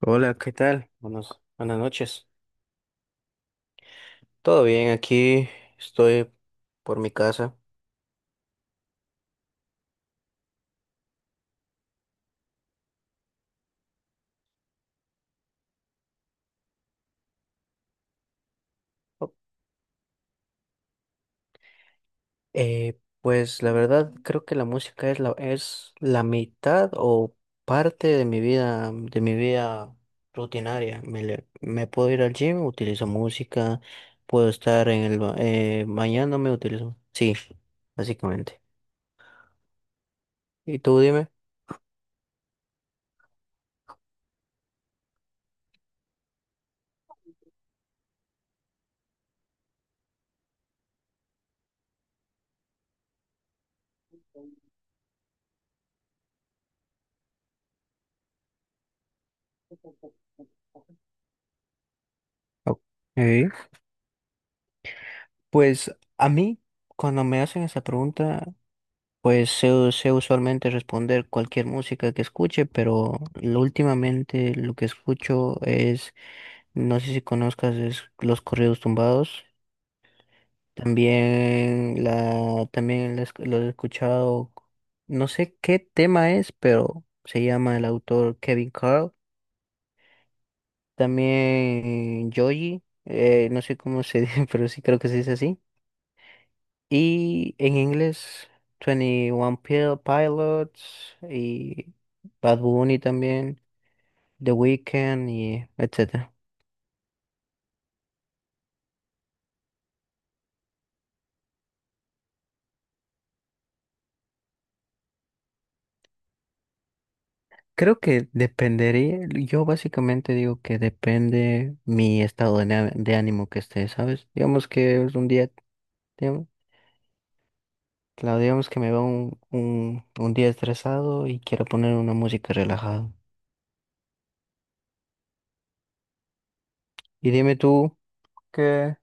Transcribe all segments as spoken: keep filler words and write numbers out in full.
Hola, ¿qué tal? Buenas, buenas noches. ¿Todo bien? Aquí estoy por mi casa. Oh, Eh, pues la verdad creo que la música es la, es la mitad o parte de mi vida, de mi vida rutinaria. Me, le- me puedo ir al gym, utilizo música, puedo estar en el ba- eh, bañándome, utilizo. Sí, básicamente. ¿Y tú dime? Ok. Pues a mí, cuando me hacen esa pregunta, pues sé, u- sé usualmente responder cualquier música que escuche, pero lo- últimamente lo que escucho es, no sé si conozcas, es los corridos tumbados. También la, también la esc- lo he escuchado, no sé qué tema es, pero se llama el autor Kevin Carl. También Joji, eh, no sé cómo se dice, pero sí creo que se dice así. Y en inglés, twenty one Pil- Pilots y Bad Bunny también, The Weeknd y etcétera. Creo que dependería, yo básicamente digo que depende mi estado de, na- de ánimo que esté, ¿sabes? Digamos que es un día, digamos, claro, digamos que me va un, un, un día estresado y quiero poner una música relajada. Y dime tú, ¿qué?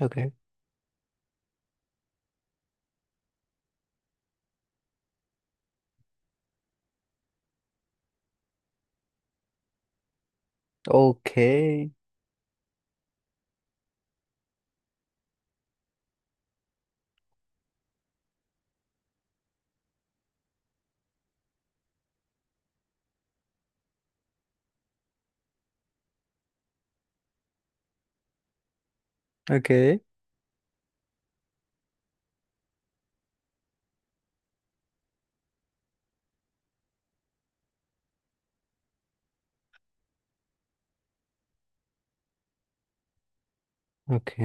Ok, ok, ok, ok,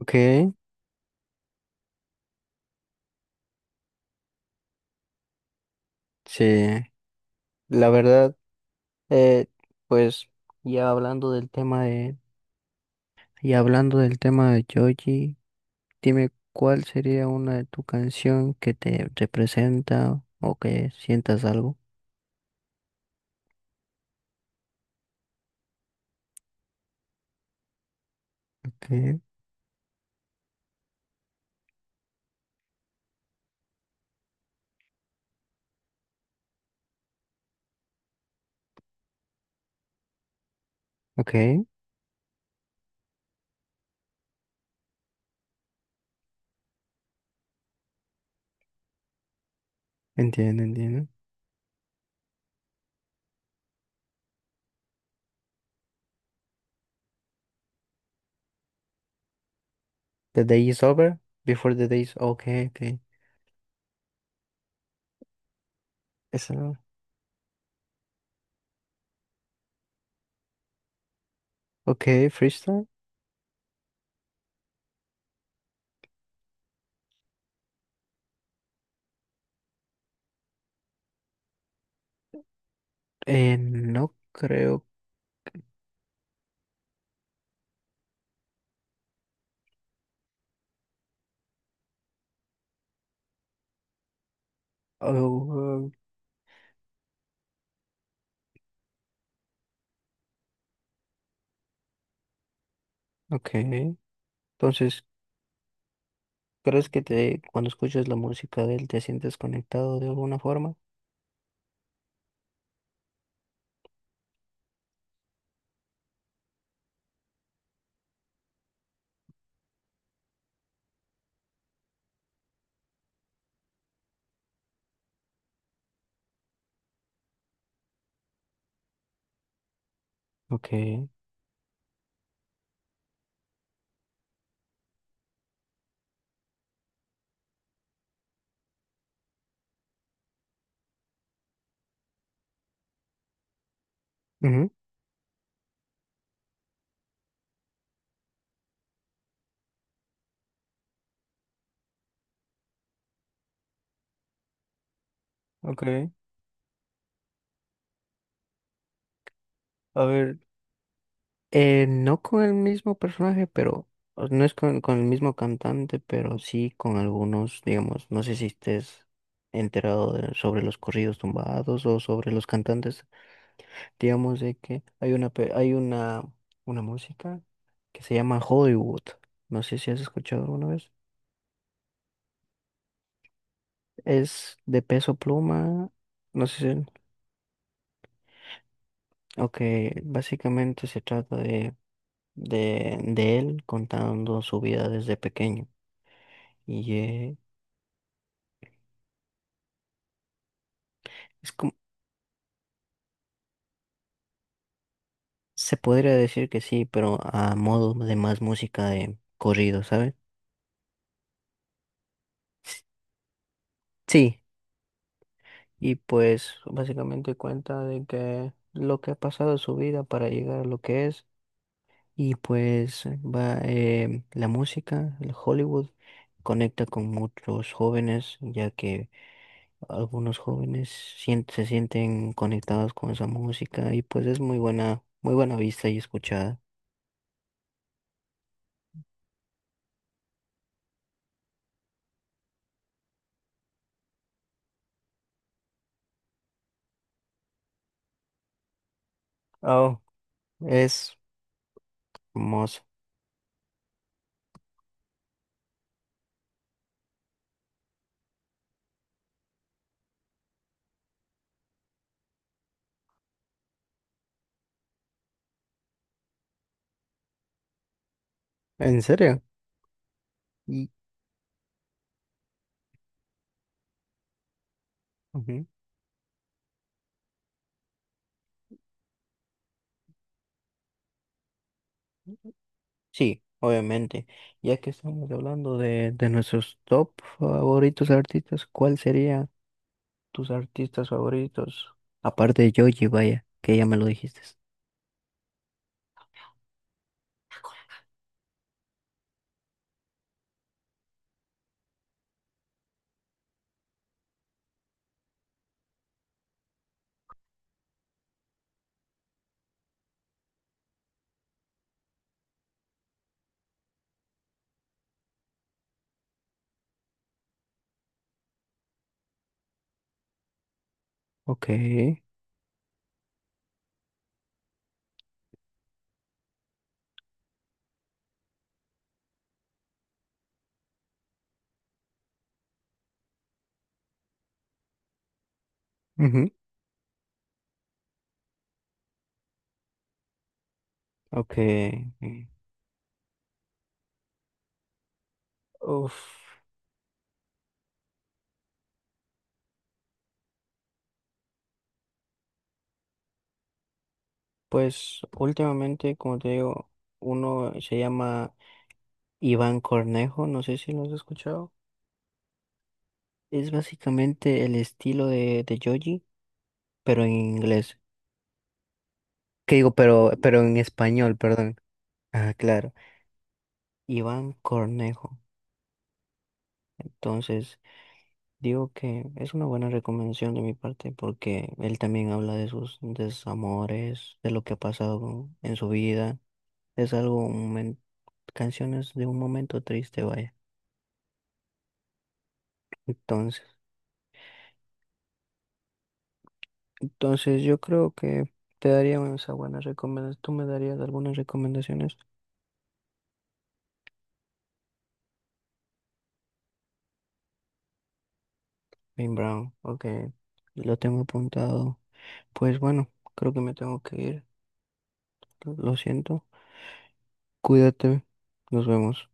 ok, sí. La verdad, eh, pues ya hablando del tema de, y hablando del tema de Joji, dime cuál sería una de tu canción que te representa o que sientas algo. Okay, okay, entiendo, entiendo. The day is over, before the day is, okay, okay. Esa, okay, freestyle. Eh, no creo. Oh, okay. Entonces, ¿crees que te, cuando escuchas la música de él, te sientes conectado de alguna forma? Okay. Ok, a ver, eh, no con el mismo personaje, pero o- no es con, con el mismo cantante, pero sí con algunos, digamos, no sé si estés enterado de- sobre los corridos tumbados o sobre los cantantes, digamos de que hay una pe- hay una una música que se llama Hollywood. No sé si has escuchado alguna vez. Es de Peso Pluma, no sé si, ok, básicamente se trata de de, de él contando su vida desde pequeño. Y eh, es como, se podría decir que sí, pero a modo de más música de corrido, ¿sabes? Sí, y pues básicamente cuenta de que lo que ha pasado en su vida para llegar a lo que es, y pues va, eh, la música, el Hollywood, conecta con muchos jóvenes, ya que algunos jóvenes sien- se sienten conectados con esa música, y pues es muy buena, muy buena vista y escuchada. Oh, es hermoso. ¿En serio? Y- ujú. Sí, obviamente. Ya que estamos hablando de, de nuestros top favoritos artistas, ¿cuál serían tus artistas favoritos? Aparte de Joji, vaya, que ya me lo dijiste. Ok. Ujú, ok. Uf, pues últimamente, como te digo, uno se llama Iván Cornejo, no sé si lo has escuchado. Es básicamente el estilo de, de Joji, pero en inglés. ¿Qué digo? Pero, pero en español, perdón. Ah, claro, Iván Cornejo. Entonces, digo que es una buena recomendación de mi parte porque él también habla de sus desamores, de lo que ha pasado en su vida. Es algo, un men- canciones de un momento triste, vaya. Entonces, entonces yo creo que te daría esa buena recomendación. Tú me darías algunas recomendaciones. Bien, Brown, ok, lo tengo apuntado. Pues bueno, creo que me tengo que ir. Lo siento. Cuídate. Nos vemos.